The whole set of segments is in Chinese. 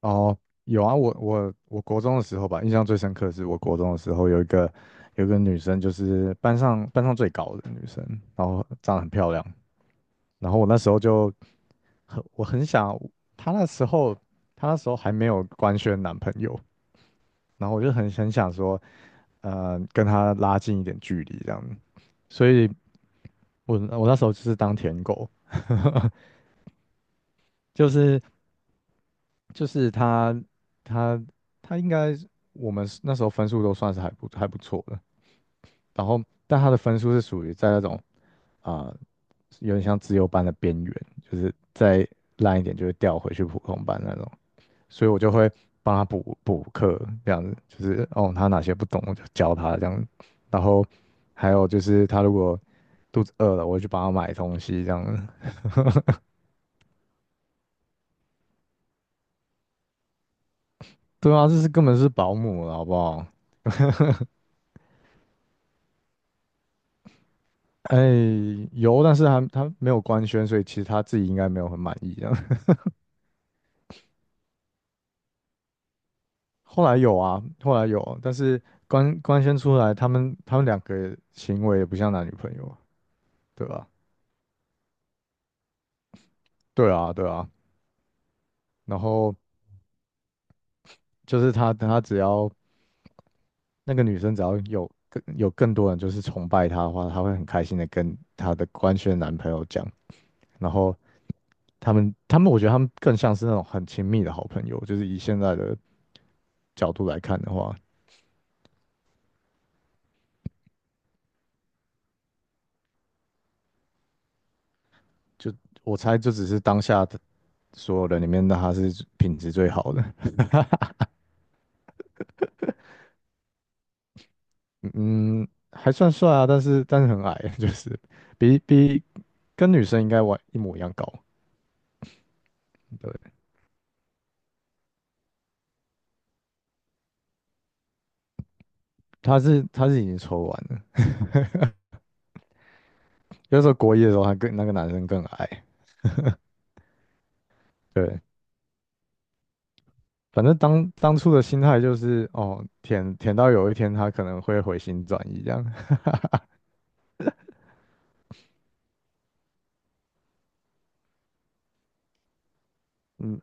哦，有啊，我国中的时候吧，印象最深刻的是我国中的时候有一个女生，就是班上最高的女生，然后长得很漂亮，然后我那时候就我很想，她那时候她那时候还没有官宣男朋友，然后我就很想说，跟她拉近一点距离这样，所以我那时候就是当舔狗，就是就是她她她应该我们那时候分数都算是还不错的。然后但他的分数是属于在那种啊、呃有点像自优班的边缘，就是再烂一点就会调回去普通班那种，所以我就会帮他补补课，这样子就是哦，他哪些不懂我就教他这样，然后还有就是他如果肚子饿了，我就帮他买东西这样子。对啊，这是根本是保姆了，好不好？哎，有，但是他没有官宣，所以其实他自己应该没有很满意这样。后来有啊，后来有，但是官宣出来，他们两个行为也不像男女朋友，对吧？对啊，对啊。然后就是他只要那个女生只要有更多人就是崇拜她的话，她会很开心的跟她的官宣男朋友讲。然后他们他们，我觉得他们更像是那种很亲密的好朋友，就是以现在的角度来看的话，就我猜就只是当下的所有人里面，的他是品质最好的。嗯，还算帅啊，但是很矮，就是比比跟女生应该完一模一样高。对，他是已经抽完了，有时候国一的时候还跟那个男生更矮。对，反正当初的心态就是哦，舔到有一天他可能会回心转意这样。嗯，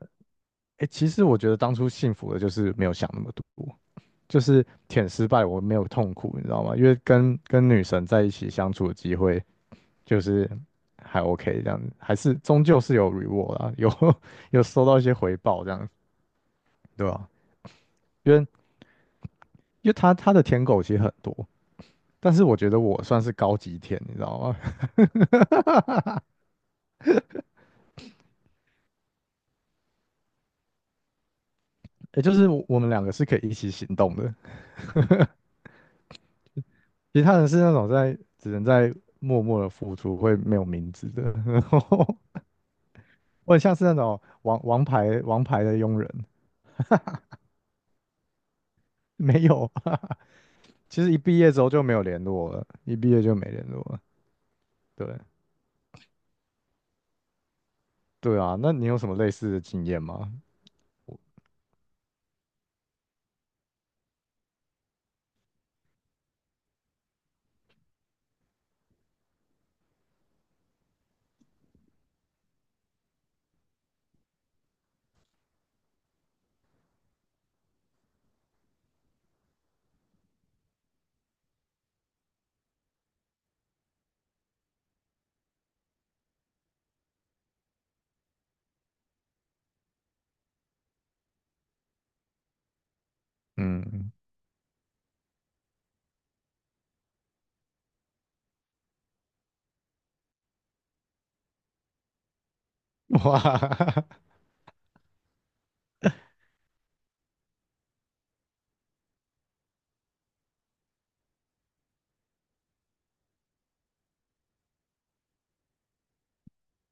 哎，其实我觉得当初幸福的就是没有想那么多，就是舔失败我没有痛苦，你知道吗？因为跟女神在一起相处的机会。就是还 OK 这样子，还是终究是有 reward 啦，有 有收到一些回报这样，对吧？因为因为他的舔狗其实很多，但是我觉得我算是高级舔，你知道吗？也就是我们两个是可以一起行动的，其他人是那种只能在默默的付出，会没有名字的，然后我很像是那种王牌的佣人，没有，其实一毕业之后就没有联络了，一毕业就没联络了，对。对啊，那你有什么类似的经验吗？嗯，哇，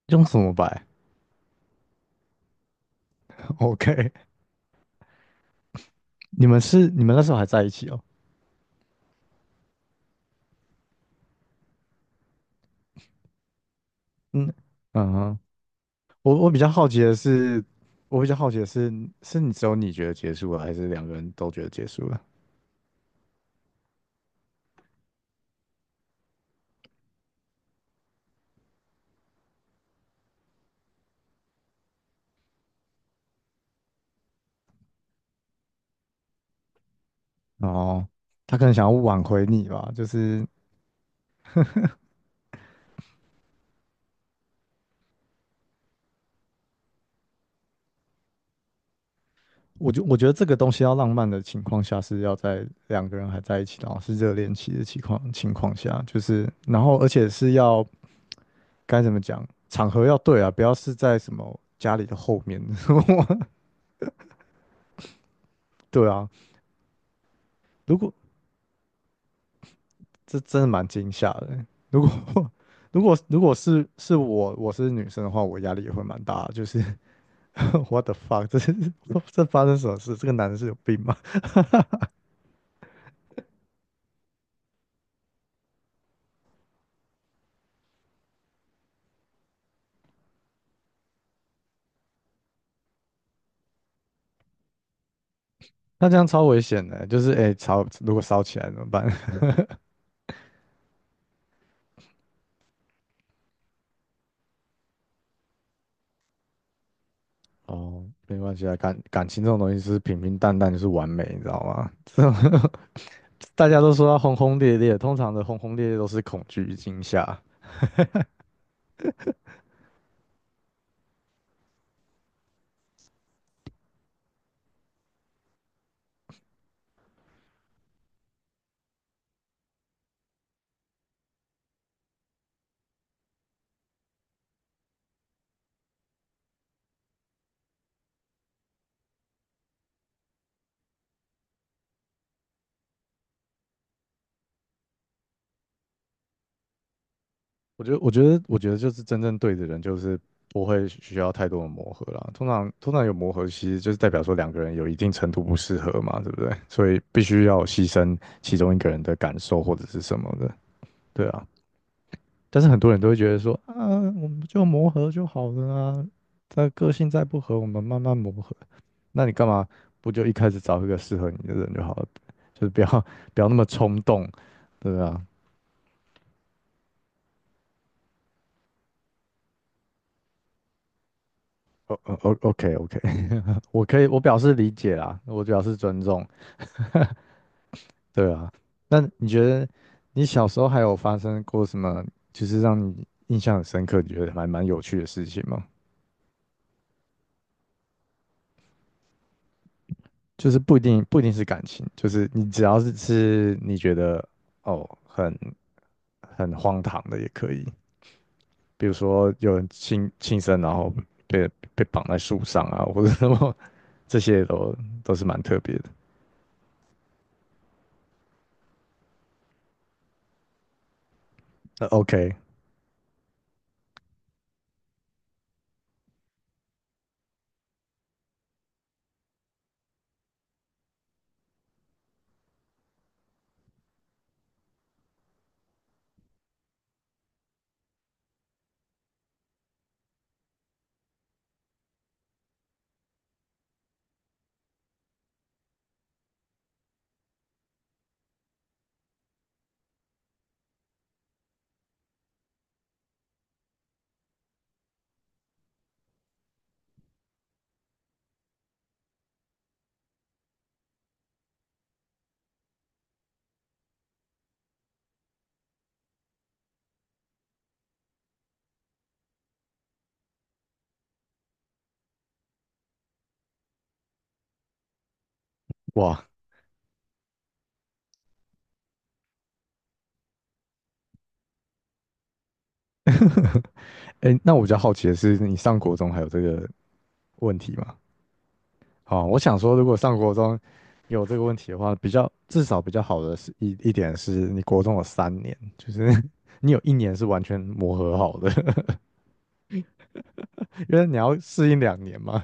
用什么摆？OK，你们那时候还在一起哦？嗯嗯哼，我我比较好奇的是，我比较好奇的是，是你只有你觉得结束了，还是两个人都觉得结束了？哦，他可能想要挽回你吧，就是我觉得这个东西要浪漫的情况下，是要在两个人还在一起，然后是热恋期的情况下，就是然后而且是要该怎么讲，场合要对啊，不要是在什么家里的后面，对啊，如果这真的蛮惊吓的欸如果 如果是我是女生的话，我压力也会蛮大的，就是 what the fuck，这是 这发生什么事？这个男的是有病吗？那这样超危险的欸就是哎、欸吵如果烧起来怎么办？哦，没关系啊，感情这种东西是平平淡淡就是完美，你知道吗？这种 大家都说要轰轰烈烈，通常的轰轰烈烈都是恐惧与惊吓。我觉得就是真正对的人，就是不会需要太多的磨合啦。通常有磨合，其实就是代表说两个人有一定程度不适合嘛，对不对？所以必须要牺牲其中一个人的感受或者是什么的，对啊。但是很多人都会觉得说，啊，我们就磨合就好了啊，他个性再不合，我们慢慢磨合。那你干嘛不就一开始找一个适合你的人就好了？就是不要 不要那么冲动，对啊。O O O K O K，我可以，我表示理解啦，我表示尊重。对啊，那你觉得你小时候还有发生过什么，就是让你印象很深刻，你觉得还蛮有趣的事情吗？就是不一定是感情，就是你只要是你觉得哦很荒唐的也可以，比如说有人轻生，然后被被绑在树上啊，或者什么，这些都是蛮特别的。那 OK，哇，哎，那我比较好奇的是，你上国中还有这个问题吗？好，我想说，如果上国中有这个问题的话，至少比较好的是一点是你国中有3年，就是 你有一年是完全磨合好的，因为你要适应2年嘛。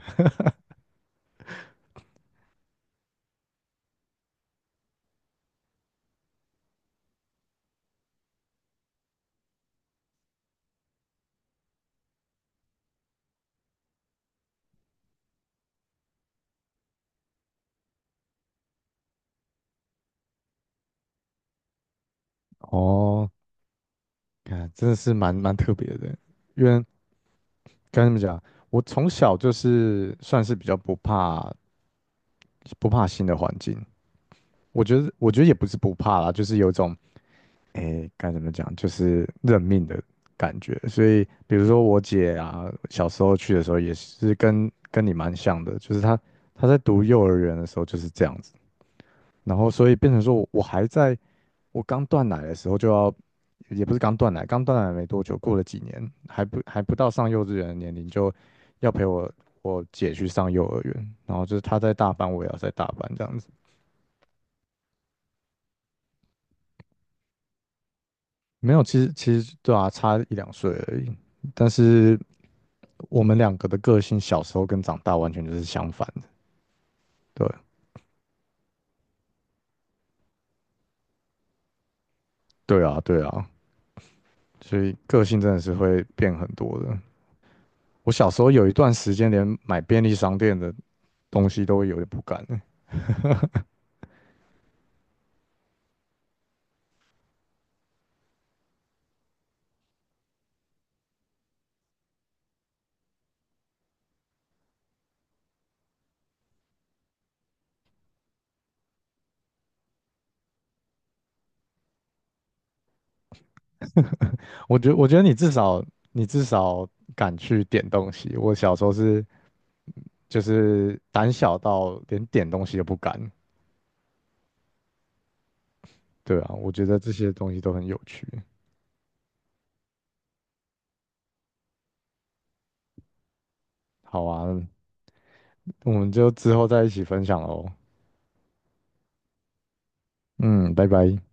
哦，看真的是蛮特别的，因为跟你们讲，我从小就是算是比较不怕新的环境，我觉得也不是不怕啦，就是有一种。诶，该怎么讲，就是认命的感觉。所以，比如说我姐啊，小时候去的时候也是跟你蛮像的，就是她在读幼儿园的时候就是这样子，然后所以变成说我我还在我刚断奶的时候就要，也不是刚断奶，刚断奶没多久，过了几年还不到上幼稚园的年龄，就要陪我姐去上幼儿园，然后就是她在大班，我也要在大班这样子。没有，其实对啊，差一两岁而已。但是我们两个的个性小时候跟长大完全就是相反的。对，对啊，对啊，所以个性真的是会变很多的。我小时候有一段时间连买便利商店的东西都会有点不敢欸我觉得你至少敢去点东西，我小时候是就是胆小到连点东西都不敢。对啊，我觉得这些东西都很有趣。好啊，我们就之后再一起分享喽。嗯，拜拜。